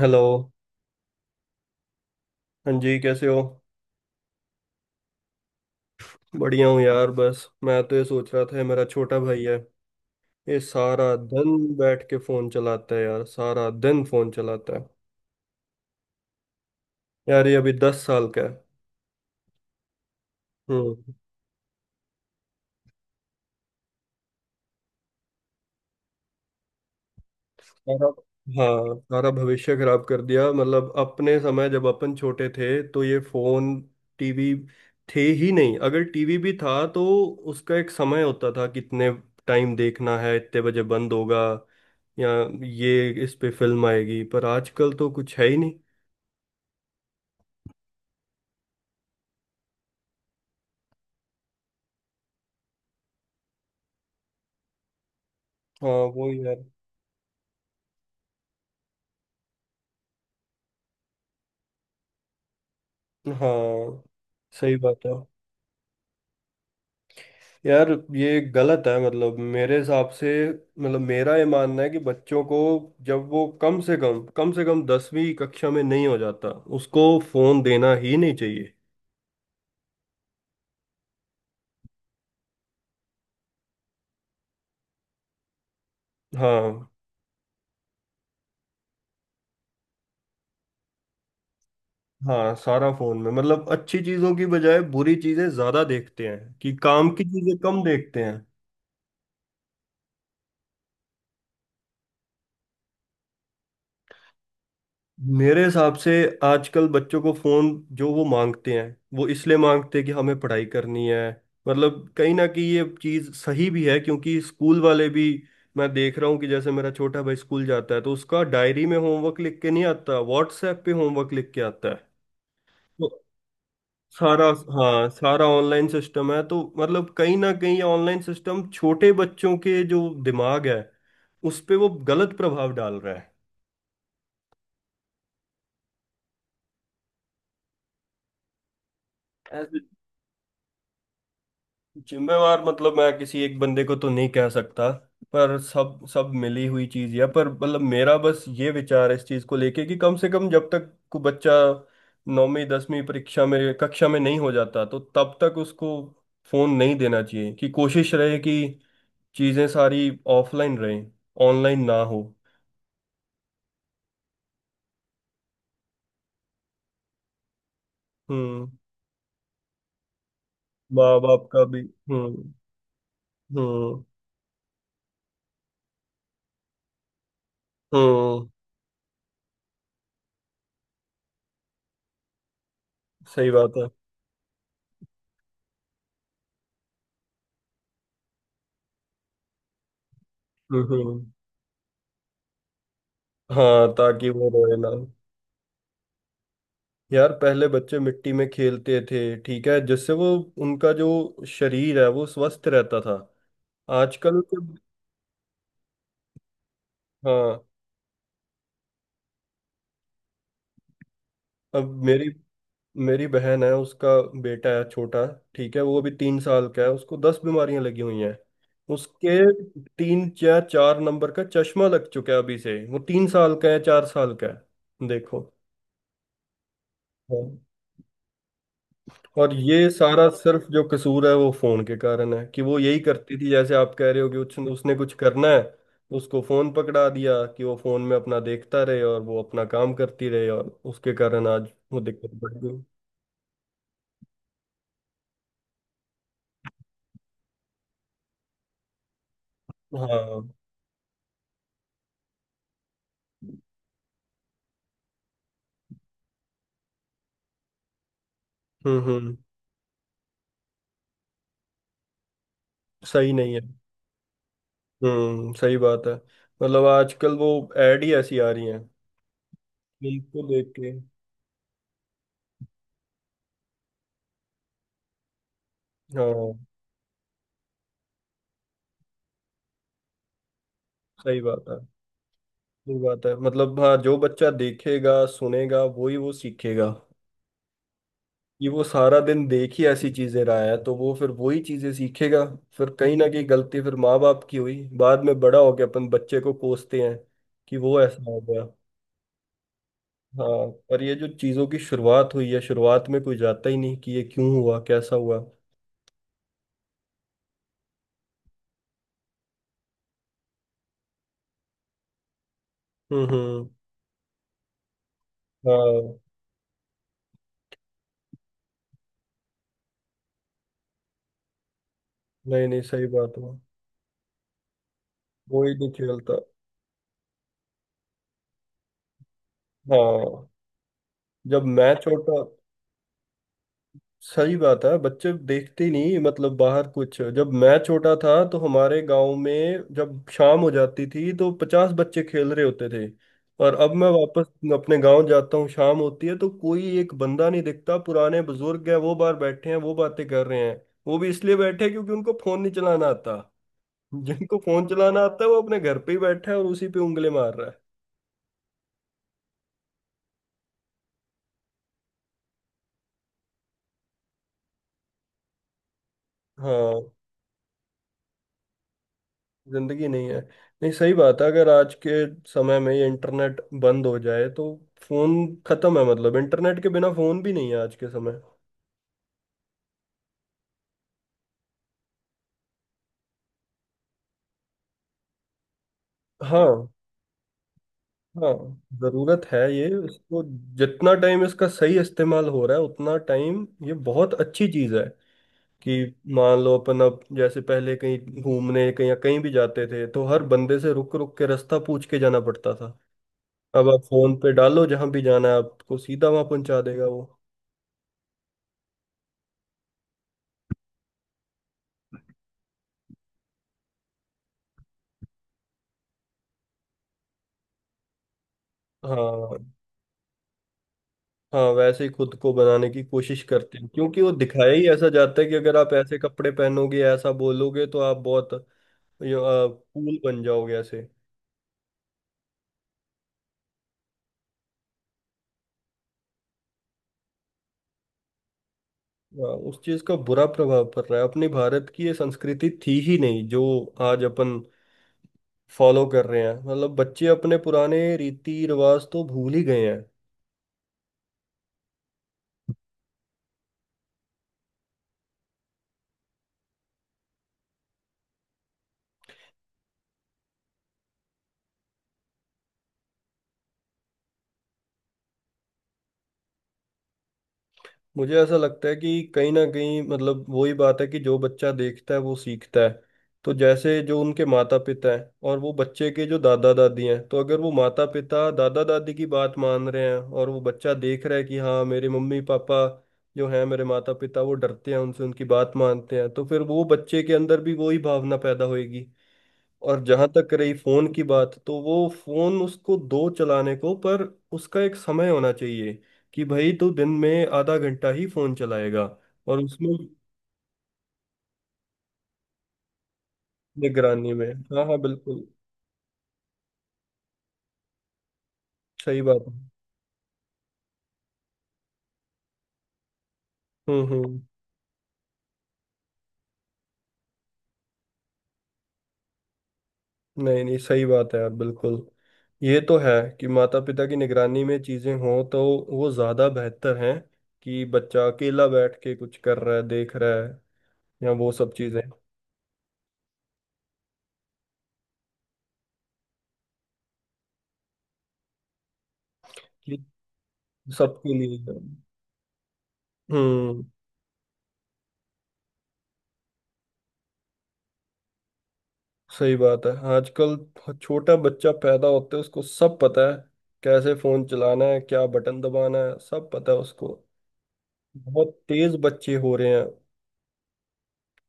Hello. हाँ जी, कैसे हो? बढ़िया हूँ यार। बस मैं तो ये सोच रहा था, ये मेरा छोटा भाई है, ये सारा दिन बैठ के फोन चलाता है यार, सारा दिन फोन चलाता है। यार ये अभी 10 साल का है। हम्म। सारा, हाँ सारा भविष्य खराब कर दिया। मतलब अपने समय, जब अपन छोटे थे तो ये फोन, टीवी थे ही नहीं। अगर टीवी भी था तो उसका एक समय होता था, कितने टाइम देखना है, इतने बजे बंद होगा, या ये, इस पे फिल्म आएगी। पर आजकल तो कुछ है ही नहीं। हाँ वो यार, हाँ। सही बात है यार। ये गलत है। मतलब मेरे हिसाब से, मतलब मेरा ये मानना है कि बच्चों को, जब वो कम से कम 10वीं कक्षा में नहीं हो जाता, उसको फोन देना ही नहीं चाहिए। हाँ। हाँ सारा फोन में। मतलब अच्छी चीजों की बजाय बुरी चीजें ज्यादा देखते हैं, कि काम की चीजें कम देखते हैं। मेरे हिसाब से आजकल बच्चों को फोन जो वो मांगते हैं, वो इसलिए मांगते हैं कि हमें पढ़ाई करनी है। मतलब कहीं ना कहीं ये चीज सही भी है, क्योंकि स्कूल वाले भी, मैं देख रहा हूँ कि जैसे मेरा छोटा भाई स्कूल जाता है तो उसका डायरी में होमवर्क लिख के नहीं आता, व्हाट्सएप पे होमवर्क लिख के आता है। तो सारा, हाँ सारा ऑनलाइन सिस्टम है। तो मतलब कहीं ना कहीं ऑनलाइन सिस्टम छोटे बच्चों के जो दिमाग है, उस पे वो गलत प्रभाव डाल रहा है। जिम्मेवार, मतलब मैं किसी एक बंदे को तो नहीं कह सकता, पर सब सब मिली हुई चीज है। पर मतलब मेरा बस ये विचार है इस चीज को लेके, कि कम से कम जब तक को बच्चा 9वीं 10वीं परीक्षा में, कक्षा में नहीं हो जाता तो तब तक उसको फोन नहीं देना चाहिए। कि कोशिश रहे कि चीजें सारी ऑफलाइन रहें, ऑनलाइन ना हो। हम्म। माँ बाप का भी। हम्म। हम्म। हम्म। सही बात है। हम्म। हम्म। हाँ, ताकि वो रोए ना। यार पहले बच्चे मिट्टी में खेलते थे, ठीक है, जिससे वो, उनका जो शरीर है वो स्वस्थ रहता था। आजकल के, हाँ। अब मेरी, मेरी बहन है, उसका बेटा है छोटा, ठीक है, वो अभी 3 साल का है, उसको 10 बीमारियां लगी हुई हैं। उसके 3 या 4 नंबर का चश्मा लग चुका है अभी से। वो 3 साल का है, 4 साल का है, देखो। हाँ। और ये सारा सिर्फ जो कसूर है वो फोन के कारण है। कि वो यही करती थी, जैसे आप कह रहे हो, कि उसने उसने कुछ करना है, उसको फोन पकड़ा दिया कि वो फोन में अपना देखता रहे और वो अपना काम करती रहे, और उसके कारण आज वो दिक्कत बढ़ गई। हाँ। हम्म। हम्म। सही नहीं है। हम्म, सही बात है। मतलब आजकल वो एड ही ऐसी आ रही हैं, इनको देख के। हाँ। सही बात है। सही बात है। मतलब हाँ, जो बच्चा देखेगा सुनेगा वही वो सीखेगा। कि वो सारा दिन देख ही ऐसी चीजें रहा है, तो वो फिर वही चीजें सीखेगा। फिर कहीं ना कहीं गलती फिर माँ बाप की हुई। बाद में बड़ा हो गया, अपन बच्चे को कोसते हैं कि वो ऐसा हो गया। हाँ, पर ये जो चीजों की शुरुआत हुई है, शुरुआत में कोई जाता ही नहीं कि ये क्यों हुआ, कैसा हुआ। हम्म। हम्म। हाँ। नहीं नहीं, सही बात है। कोई नहीं खेलता। हाँ, जब मैं छोटा, सही बात है, बच्चे देखते ही नहीं। मतलब बाहर कुछ, जब मैं छोटा था तो हमारे गांव में जब शाम हो जाती थी तो 50 बच्चे खेल रहे होते थे। और अब मैं वापस अपने गांव जाता हूँ, शाम होती है तो कोई एक बंदा नहीं दिखता। पुराने बुजुर्ग हैं, वो बाहर बैठे हैं, वो बातें कर रहे हैं। वो भी इसलिए बैठे हैं क्योंकि उनको फोन नहीं चलाना आता। जिनको फोन चलाना आता है वो अपने घर पे ही बैठा है और उसी पे उंगली मार रहा है। हाँ, जिंदगी नहीं है। नहीं, सही बात है। अगर आज के समय में ये इंटरनेट बंद हो जाए तो फोन खत्म है। मतलब इंटरनेट के बिना फोन भी नहीं है आज के समय। हाँ। हाँ, जरूरत है ये, इसको, जितना टाइम इसका सही इस्तेमाल हो रहा है उतना टाइम ये बहुत अच्छी चीज है। कि मान लो अपन अब, जैसे पहले कहीं घूमने, कहीं कहीं भी जाते थे, तो हर बंदे से रुक रुक के रास्ता पूछ के जाना पड़ता था। अब आप फोन पे डालो जहां भी जाना है, आपको सीधा वहां पहुंचा देगा वो। हाँ। हाँ वैसे ही खुद को बनाने की कोशिश करते हैं, क्योंकि वो दिखाया ही ऐसा जाता है कि अगर आप ऐसे कपड़े पहनोगे, ऐसा बोलोगे तो आप बहुत कूल बन जाओगे ऐसे। हाँ, उस चीज का बुरा प्रभाव पड़ रहा है। अपने भारत की ये संस्कृति थी ही नहीं जो आज अपन फॉलो कर रहे हैं। मतलब बच्चे अपने पुराने रीति रिवाज तो भूल ही गए हैं। मुझे ऐसा लगता है कि कहीं ना कहीं, मतलब वही बात है, कि जो बच्चा देखता है वो सीखता है। तो जैसे जो उनके माता पिता हैं और वो बच्चे के जो दादा दादी हैं, तो अगर वो माता पिता दादा दादी की बात मान रहे हैं और वो बच्चा देख रहा है कि हाँ मेरे मम्मी पापा जो हैं, मेरे माता पिता, वो डरते हैं उनसे, उनकी बात मानते हैं, तो फिर वो बच्चे के अंदर भी वही भावना पैदा होगी। और जहां तक रही फोन की बात, तो वो फोन उसको दो चलाने को, पर उसका एक समय होना चाहिए। कि भाई तू दिन में आधा घंटा ही फोन चलाएगा। और उसमें, निगरानी में, हाँ हाँ, बिल्कुल सही बात है। हम्म। हम्म। नहीं नहीं, सही बात है यार, बिल्कुल। ये तो है, कि माता पिता की निगरानी में चीजें हों तो वो ज्यादा बेहतर हैं, कि बच्चा अकेला बैठ के कुछ कर रहा है, देख रहा है, या वो सब चीजें। कि सबके लिए। हम्म। सही बात है। आजकल छोटा बच्चा पैदा होते है उसको सब पता है, कैसे फोन चलाना है, क्या बटन दबाना है, सब पता है उसको। बहुत तेज बच्चे हो रहे हैं।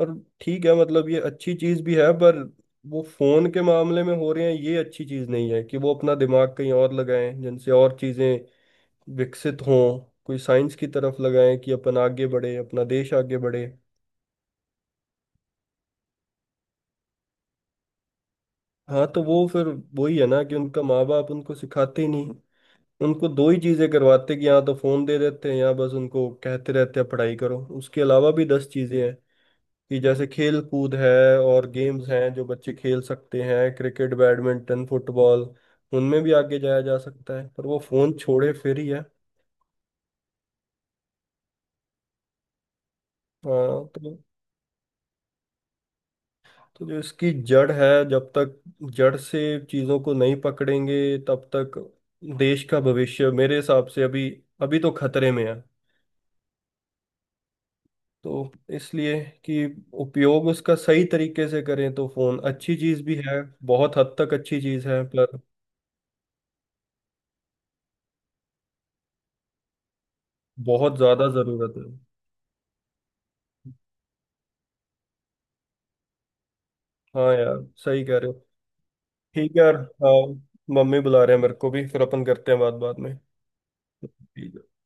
और ठीक है, मतलब ये अच्छी चीज भी है, पर वो फोन के मामले में हो रहे हैं, ये अच्छी चीज नहीं है। कि वो अपना दिमाग कहीं और लगाएं जिनसे और चीजें विकसित हों, कोई साइंस की तरफ लगाएं कि अपन आगे बढ़े, अपना देश आगे बढ़े। हाँ, तो वो फिर वही है ना, कि उनका माँ बाप उनको सिखाते ही नहीं। उनको दो ही चीजें करवाते, कि या तो फोन दे देते हैं, या बस उनको कहते रहते हैं पढ़ाई करो। उसके अलावा भी 10 चीजें हैं, कि जैसे खेल कूद है, और गेम्स हैं जो बच्चे खेल सकते हैं, क्रिकेट, बैडमिंटन, फुटबॉल, उनमें भी आगे जाया जा सकता है, पर वो फोन छोड़े फिर ही है। हाँ, तो जो इसकी जड़ है, जब तक जड़ से चीजों को नहीं पकड़ेंगे तब तक देश का भविष्य मेरे हिसाब से अभी, अभी तो खतरे में है। तो इसलिए, कि उपयोग उसका सही तरीके से करें तो फोन अच्छी चीज भी है, बहुत हद तक अच्छी चीज है, पर बहुत ज्यादा जरूरत है। हाँ यार, सही कह रहे हो। ठीक है यार। हाँ मम्मी बुला रहे हैं मेरे को भी, फिर अपन करते हैं बात बाद में। ठीक है।